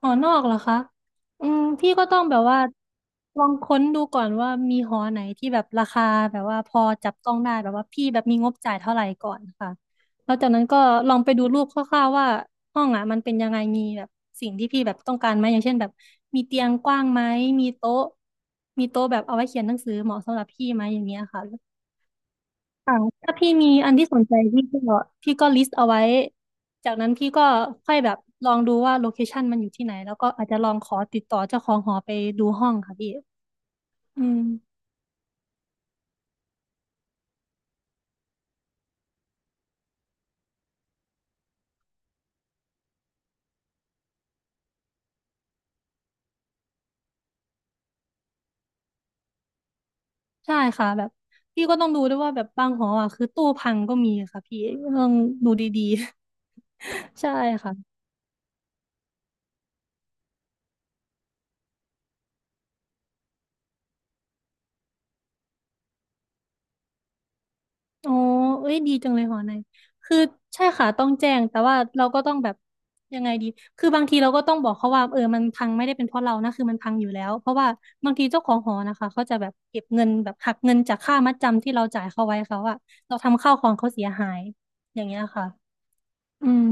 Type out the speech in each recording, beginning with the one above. หอนอกเหรอคะพี่ก็ต้องแบบว่าลองค้นดูก่อนว่ามีหอไหนที่แบบราคาแบบว่าพอจับต้องได้แบบว่าพี่แบบมีงบจ่ายเท่าไหร่ก่อนค่ะแล้วจากนั้นก็ลองไปดูรูปคร่าวๆว่าห้องอ่ะมันเป็นยังไงมีแบบสิ่งที่พี่แบบต้องการไหมอย่างเช่นแบบมีเตียงกว้างไหมมีโต๊ะมีโต๊ะแบบเอาไว้เขียนหนังสือเหมาะสำหรับพี่ไหมอย่างเงี้ยค่ะ ค่ะถ้าพี่มีอันที่สนใจพี่ก็ลิสต์เอาไว้จากนั้นพี่ก็ค่อยแบบลองดูว่าโลเคชันมันอยู่ที่ไหนแล้วก็อาจจะลองขอติดต่อเจ้าของหอไปดูห้องค่ะพี่อืมใช่ค่ะแบบพี่ก็ต้องดูด้วยว่าแบบบางหออ่ะคือตู้พังก็มีค่ะพี่ต้องดูดีๆ ใช่ค่ะ อ๋อเอ้ยดีจังเลยหอในคือใช่ค่ะต้องแจ้ง แต่ว่าเราก็ต้องแบบยังไงดีคือบางทีเราก็ต้องบอกเขาว่าเออมันพังไม่ได้เป็นเพราะเรานะคือมันพังอยู่แล้ว เพราะว่าบางทีเจ้าของหอนะคะ เขาจะแบบเก็บเงินแบบหักเงินจากค่ามัดจำที่เราจ่ายเขาไว้เขาอะเราทำข้าวของเขาเสียหาย อย่างเงี้ยค่ะอืม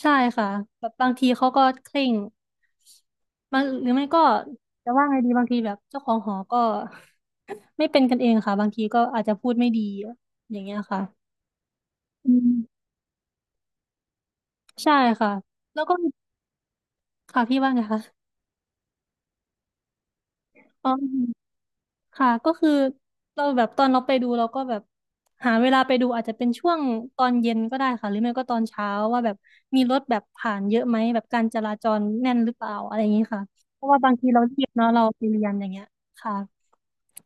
ใช่ค่ะแบบบางทีเขาก็เคร่งบางหรือไม่ก็จะว่าไงดีบางทีแบบเจ้าของหอก็ ไม่เป็นกันเองค่ะบางทีก็อาจจะพูดไม่ดีอย่างเงี้ยค่ะอืม ใช่ค่ะแล้วก็ค่ะพี่ว่าไงคะอ๋อค่ะก็คือเราแบบตอนเราไปดูเราก็แบบหาเวลาไปดูอาจจะเป็นช่วงตอนเย็นก็ได้ค่ะหรือไม่ก็ตอนเช้าว่าแบบมีรถแบบผ่านเยอะไหมแบบการจราจรแน่นหรือเปล่าอะไรอย่างนี้ค่ะเพราะว่าบางทีเราเรียนเนาะเราไปเรียนอย่างเงี้ยค่ะ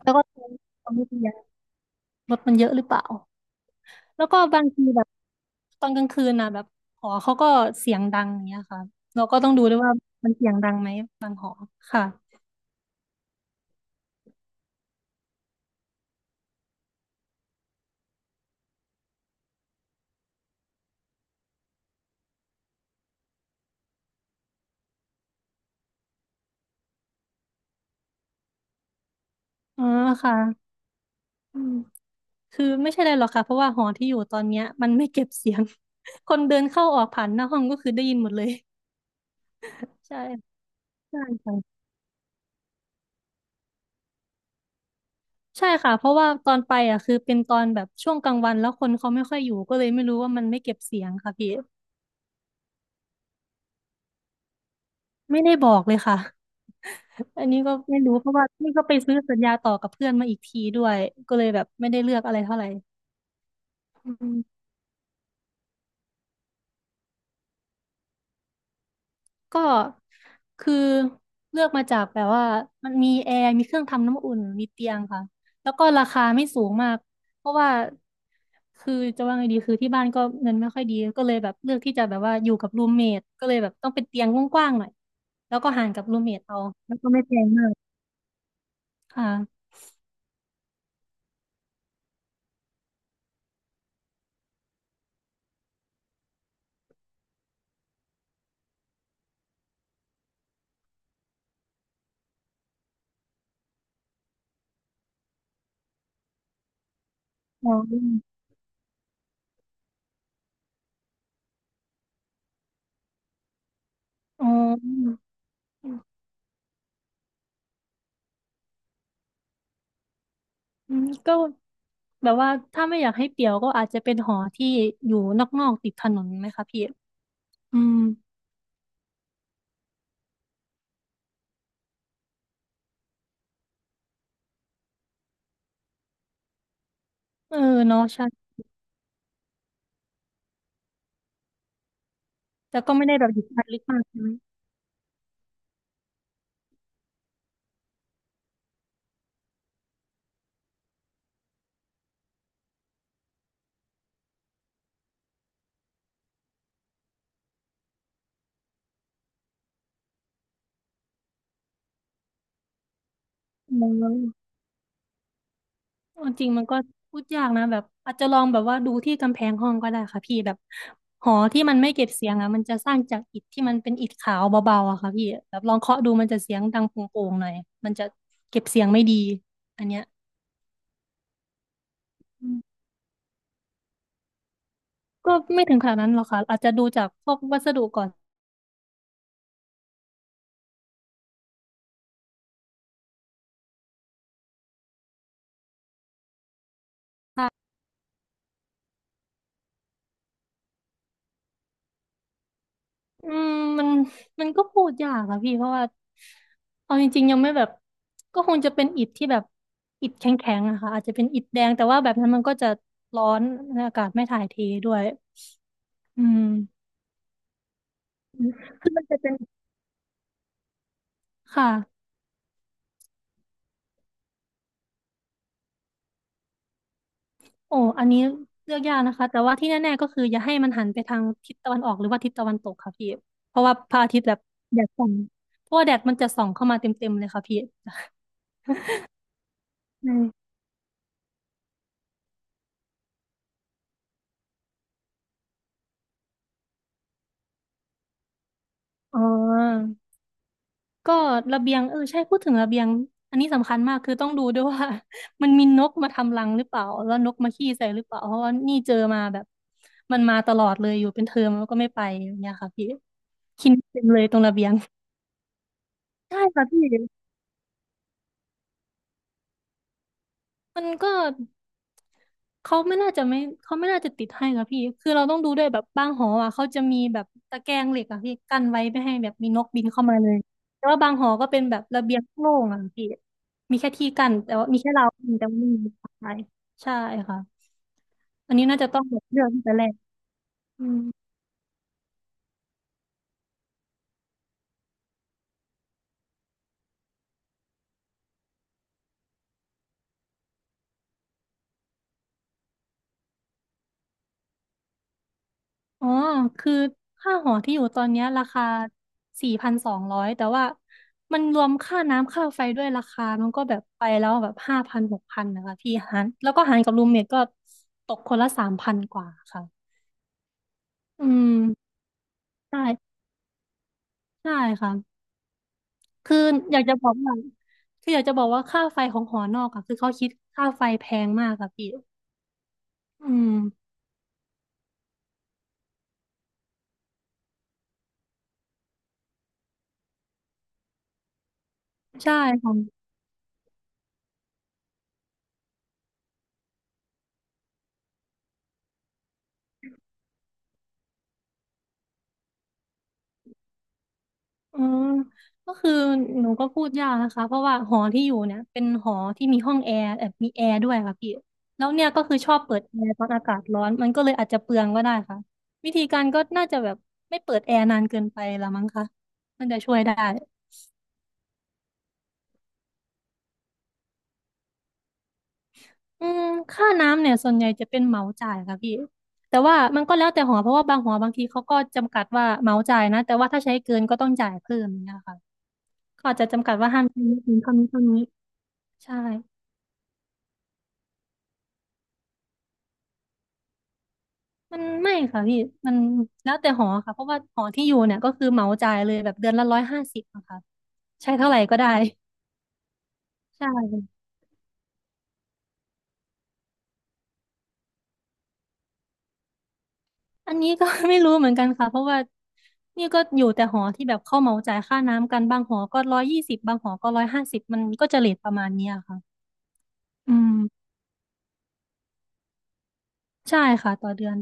แล้วก็ตอนไม่เรียนรถมันเยอะหรือเปล่าแล้วก็บางทีแบบตอนกลางคืนนะแบบหอเขาก็เสียงดังอย่างเงี้ยค่ะเราก็ต้องดูด้วยว่ามันเสียงดังไหมค่ะอ๋อค่ะ อืมคือไม่ใช่อะไรหรอกค่ะเพราะว่าหอที่อยู่ตอนเนี้ยมันไม่เก็บเสียง คนเดินเข้าออกผ่านหน้าห้องก็คือได้ยินหมดเลยใช่ใช่ค่ะใช่ค่ะเพราะว่าตอนไปอ่ะคือเป็นตอนแบบช่วงกลางวันแล้วคนเขาไม่ค่อยอยู่ก็เลยไม่รู้ว่ามันไม่เก็บเสียงค่ะพี่ไม่ได้บอกเลยค่ะอันนี้ก็ไม่รู้เพราะว่านี่ก็ไปซื้อสัญญาต่อกับเพื่อนมาอีกทีด้วยก็เลยแบบไม่ได้เลือกอะไรเท่าไหร่อืม ก็คือเลือกมาจากแบบว่ามันมีแอร์มีเครื่องทำน้ำอุ่นมีเตียงค่ะแล้วก็ราคาไม่สูงมากเพราะว่าคือจะว่าไงดีคือที่บ้านก็เงินไม่ค่อยดีก็เลยแบบเลือกที่จะแบบว่าอยู่กับรูมเมทก็เลยแบบต้องเป็นเตียงกว้างๆหน่อยแล้วก็ห่างกับรูมเมทเอาแล้วก็ไม่แพงมากค่ะอ๋ออ๋ออืมก็แบบว่าถ้าไม่อยากให้เปลี่ยวก็อาจจะเป็นหอที่อยู่นอกๆติดถนนไหมคะพี่อืมเออเนาะใช่ แต่ก็ไม่ได้แบบหยิบมันลึกมากใช่ไหมอืมเอาจริงมันก็พูดยากนะแบบอาจจะลองแบบว่าดูที่กำแพงห้องก็ได้ค่ะพี่แบบหอที่มันไม่เก็บเสียงอ่ะมันจะสร้างจากอิฐที่มันเป็นอิฐขาวเบาๆอะค่ะพี่แบบลองเคาะดูมันจะเสียงดังโป่งๆหน่อยมันจะเก็บเสียงไม่ดีอันเนี้ยก็ไม่ถึงขนาดนั้นหรอกค่ะอาจจะดูจากพวกวัสดุก่อน อืมมันมันก็พูดยากอะพี่เพราะว่าเอาจริงๆยังไม่แบบก็คงจะเป็นอิฐที่แบบอิฐแข็งๆอะค่ะอาจจะเป็นอิฐแดงแต่ว่าแบบนั้นมันก็จะร้อนและอากาศไม่ถ่ายเทด้วยอืมคือมันจะเป็นค่ะโอ้อันนี้เลือกยากนะคะแต่ว่าที่แน่ๆก็คืออย่าให้มันหันไปทางทิศตะวันออกหรือว่าทิศตะวันตกค่ะพี่เพราะว่าพระอาทิตย์แบบแดดส่องเพราะว่าแดดมันจะส่องเข้ามาเต็มๆเลยค่ะพี่่อ๋อ ก็ระเบียงเออใช่พูดถึงระเบียงอันนี้สำคัญมากคือต้องดูด้วยว่า มันมีนกมาทำรังหรือเปล่าแล้วนกมาขี้ใส่หรือเปล่าเพราะว่านี่เจอมาแบบมันมาตลอดเลยอยู่เป็นเทอมแล้วก็ไม่ไปอย่างเงี้ยค่ะพี่คินเต็มเลยตรงระเบียงใช่ค่ะพี่มันก็ เขาไม่น่าจะไม่เขาไม่น่าจะติดให้ค่ะพี่ คือเราต้องดูด้วยแบบบางหออ่ะเขาจะมีแบบตะแกรงเหล็กอ่ะพี่กั้นไว้ไม่ให้แบบมีนกบินเข้ามาเลย แต่ว่าบางหอก็เป็นแบบระเบียงโล่งอ่ะพี่มีแค่ที่กั้นแต่ว่ามีแค่เราวกัแต่ว่าไม่มีใครใช่ค่ะ อันนี้น่าจะต้องแบบเลือกตั้งแต่แรกอืม อ๋อ คือค่าหอที่อยู่ตอนเนี้ยราคา4,200แต่ว่ามันรวมค่าน้ำค่าไฟด้วยราคามันก็แบบไปแล้วแบบ5,000 6,000นะคะพี่หารแล้วก็หารกับรูมเมทก็ตกคนละ3,000 กว่าค่ะอืมใช่ใช่ค่ะคืออยากจะบอกว่าคืออยากจะบอกว่าค่าไฟของหอนอกอะคือเขาคิดค่าไฟแพงมากค่ะพี่อืมใช่ค่ะ อืมก็คือหนูก็พูดยากนะคะเพราะว่าหอที่อยู่เนี่ยเป็นหอที่มีห้องแอร์แบบมีแอร์ด้วยค่ะพี่แล้วเนี่ยก็คือชอบเปิดแอร์ตอนอากาศร้อนมันก็เลยอาจจะเปลืองก็ได้ค่ะวิธีการก็น่าจะแบบไม่เปิดแอร์นานเกินไปละมั้งคะมันจะช่วยได้อืมค่าน้ำเนี่ยส่วนใหญ่จะเป็นเหมาจ่ายค่ะพี่แต่ว่ามันก็แล้วแต่หอเพราะว่าบางหอบางทีเขาก็จำกัดว่าเหมาจ่ายนะแต่ว่าถ้าใช้เกินก็ต้องจ่ายเพิ่มอย่างเนี่ยค่ะอืมเท่านี้เท่านี้ใช่ มันไม่ค่ะพี่มันแล้วแต่หอค่ะเพราะว่าหอที่อยู่เนี่ยก็คือเหมาจ่ายเลยแบบเดือนละร้อยห้าสิบะค่ะใช้เท่าไหร่ก็ได้ใช่อันนี้ก็ ไม่รู้เหมือนกันค่ะเพราะว่านี่ก็อยู่แต่หอที่แบบเข้าเหมาจ่ายค่าน้ำกันบางหอก็120บางหอก็ร้อยห้าสิบมันก็จะเรทประมาณเนี้ยค่ะอืมใช่ค่ะต่อเดือน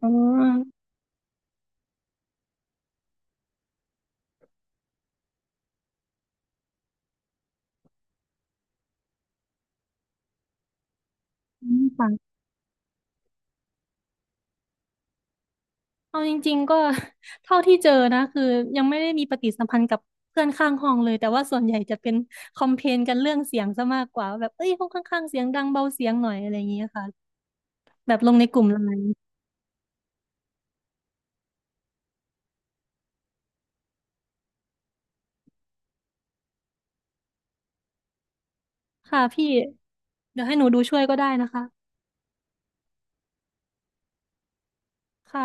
อืมค่ะ เอาจริงๆก็ เท่าที่เจอนะคือยังไม่ได้มีปฏิสัมพันธ์กับเพื่อนข้างห้องเลยแต่ว่าส่วนใหญ่จะเป็นคอมเพลนกันเรื่องเสียงซะมากกว่าแบบเอ้ยห้องข้างๆเสียงดังเบาเสียงหน่อยอะไรอย่างเงี้ยค่ะแบบลงในกลุ่มไลน์ค่ะพี่เดี๋ยวให้หนูดูช่วยก็ได้นะคะค่ะ